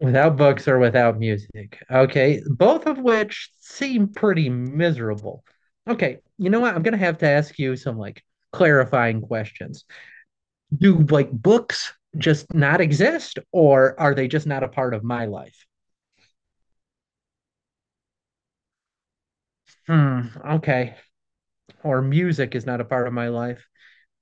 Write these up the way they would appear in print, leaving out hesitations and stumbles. Without books or without music. Okay, both of which seem pretty miserable. Okay, you know what? I'm gonna have to ask you some like clarifying questions. Do like books just not exist, or are they just not a part of my life? Hmm, okay. Or music is not a part of my life.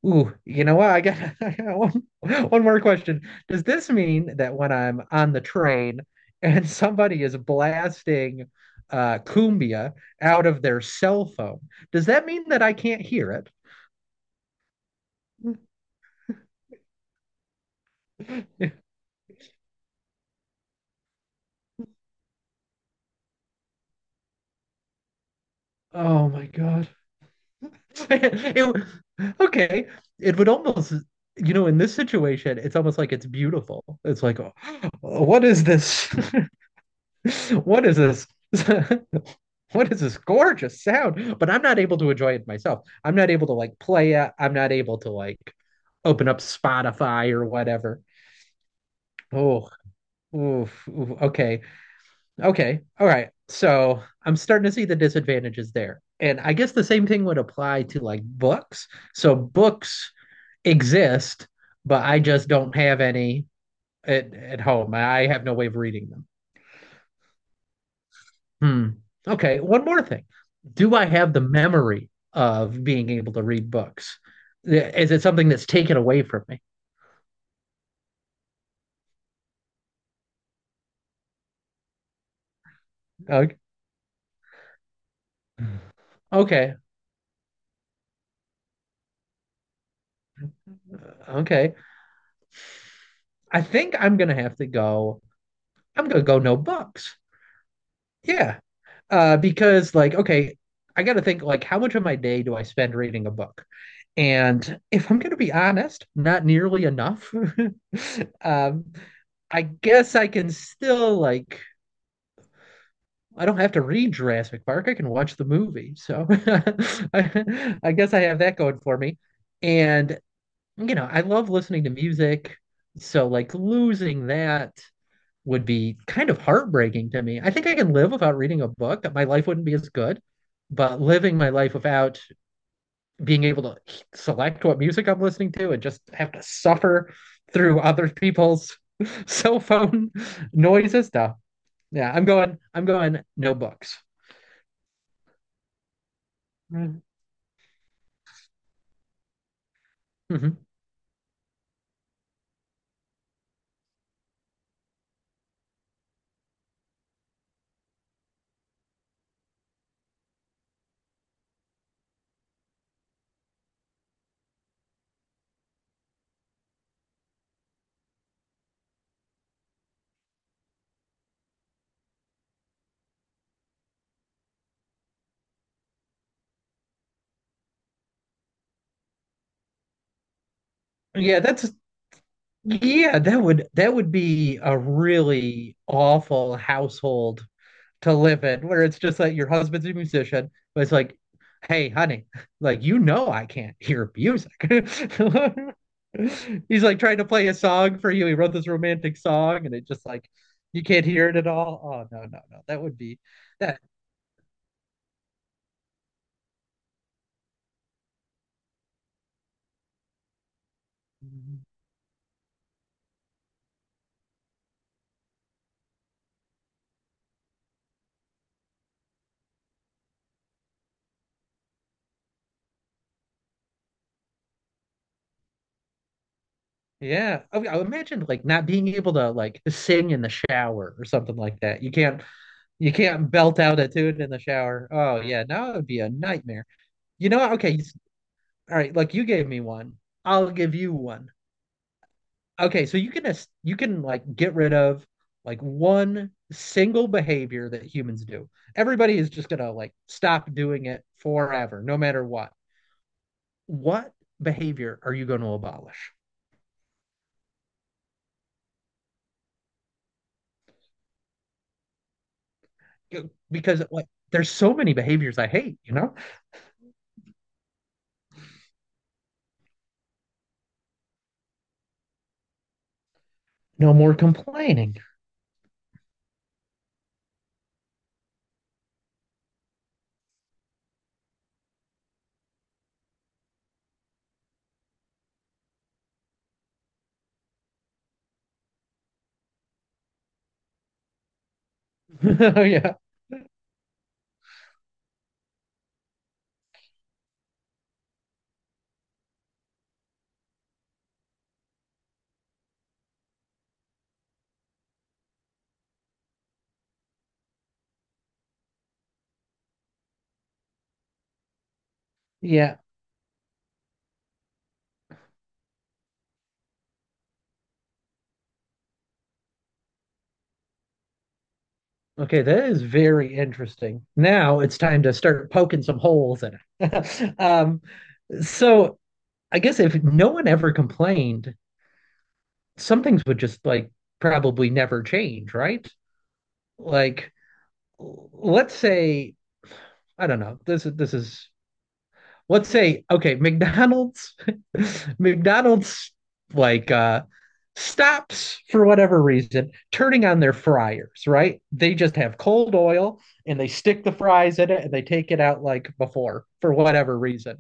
Ooh, you know what? I got, I got one, one more question. Does this mean that when I'm on the train and somebody is blasting cumbia out of their cell phone, does that mean that I can't hear it? Oh my God. It- w- okay, it would almost, you know, in this situation, it's almost like it's beautiful. It's like, oh, what is this? What is this? what is this gorgeous sound? But I'm not able to enjoy it myself. I'm not able to like play it. I'm not able to like open up Spotify or whatever. Oh, oof, oof, okay, okay, all right. So I'm starting to see the disadvantages there, and I guess the same thing would apply to like books. So books exist, but I just don't have any at home. I have no way of reading them. Hmm. Okay, one more thing. Do I have the memory of being able to read books? Is it something that's taken away from me? Okay. Okay. uh, Okay. I think I'm gonna have to go. I'm gonna go no books. Yeah. Because like, okay, I gotta think like how much of my day do I spend reading a book? And if I'm gonna be honest, not nearly enough. Um, I guess I can still like I don't have to read Jurassic Park. I can watch the movie. So I guess I have that going for me. And, you know, I love listening to music. So, like, losing that would be kind of heartbreaking to me. I think I can live without reading a book, that my life wouldn't be as good. But living my life without being able to select what music I'm listening to and just have to suffer through other people's cell phone noises, stuff. Yeah, I'm going, no books. Hmm Yeah, that's yeah, that would be a really awful household to live in, where it's just like your husband's a musician, but it's like, hey, honey, like you know I can't hear music. He's like trying to play a song for you. He wrote this romantic song and it just like you can't hear it at all. Oh no, no, no. That would be that. Yeah. I imagine like not being able to like sing in the shower or something like that. You can't belt out a tune in the shower. Oh yeah, no, it would be a nightmare. You know what? All right. Like you gave me one, I'll give you one. Okay, so you can like get rid of like one single behavior that humans do. Everybody is just gonna like stop doing it forever, no matter what. What behavior are you going to abolish? You? Because like there's so many behaviors I hate. You know, no more complaining. Oh yeah. Yeah. Okay, that is very interesting. Now it's time to start poking some holes in it. So I guess if no one ever complained, some things would just like probably never change, right? Like, let's say I don't know. This is let's say okay McDonald's. McDonald's like uh stops for whatever reason turning on their fryers, right? They just have cold oil and they stick the fries in it and they take it out like before for whatever reason.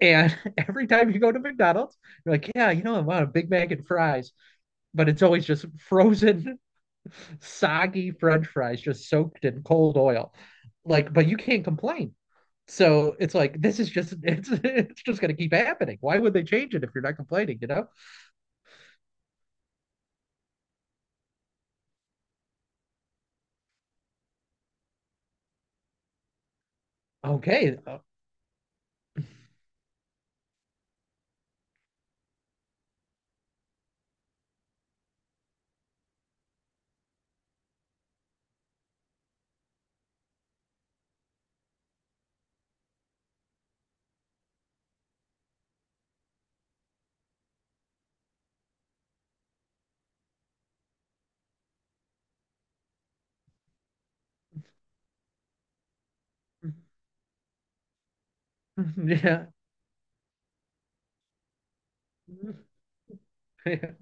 And every time you go to McDonald's, you're like, yeah, you know, I want a Big Mac and fries, but it's always just frozen, soggy French fries just soaked in cold oil. Like, but you can't complain. So it's like this is just it's just gonna keep happening. Why would they change it if you're not complaining? You know? Okay. Yeah. yeah.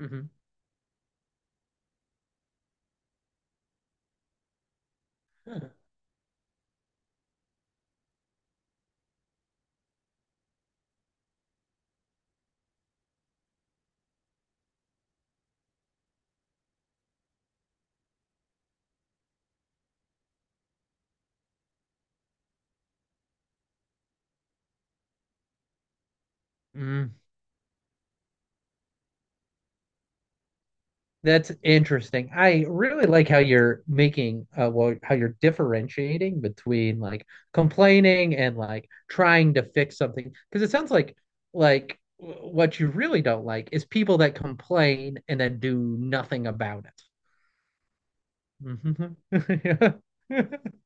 yeah. hmm That's interesting. I really like how you're making, how you're differentiating between like complaining and like trying to fix something. Because it sounds like, what you really don't like is people that complain and then do nothing about it. Mhm.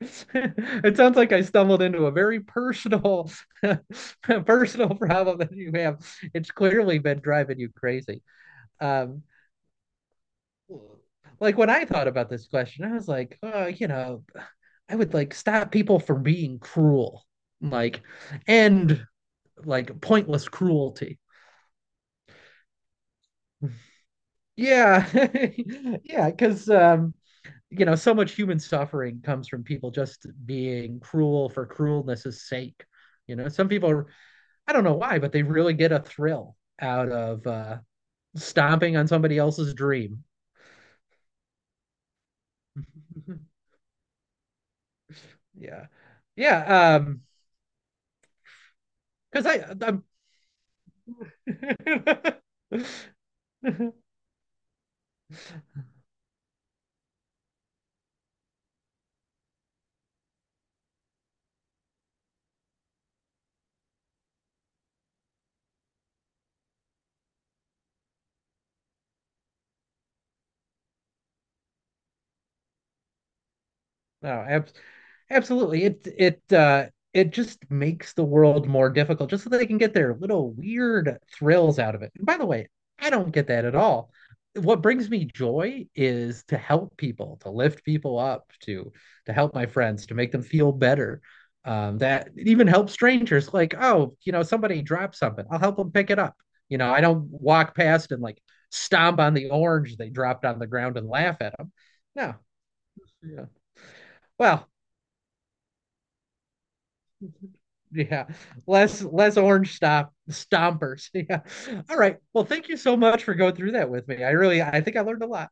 It sounds like I stumbled into a very personal, personal problem that you have. It's clearly been driving you crazy. Um, Like when I thought about this question, I was like, oh, you know, I would like stop people from being cruel, like, and like pointless cruelty. Yeah. Yeah, because you know, so much human suffering comes from people just being cruel for cruelness' sake. You know, some people are, I don't know why, but they really get a thrill out of stomping on somebody else's dream. Yeah. Yeah, because I I'm No, ab absolutely. It it just makes the world more difficult just so they can get their little weird thrills out of it. And by the way, I don't get that at all. What brings me joy is to help people, to lift people up, to help my friends, to make them feel better. That it even helps strangers. Like, oh, you know, somebody dropped something. I'll help them pick it up. You know, I don't walk past and like stomp on the orange they dropped on the ground and laugh at them. No, yeah. Well, yeah, less orange stop stompers. Yeah. All right. Well, thank you so much for going through that with me. I really, I think I learned a lot.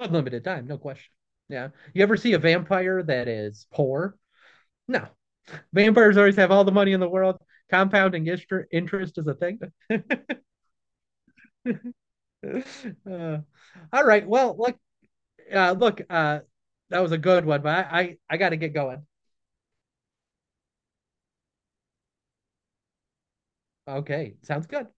Unlimited time, no question. Yeah. You ever see a vampire that is poor? No. Vampires always have all the money in the world. Compounding interest is a thing. Uh, all right. Well, look, uh, look, uh, that was a good one, but I got to get going. Okay, sounds good.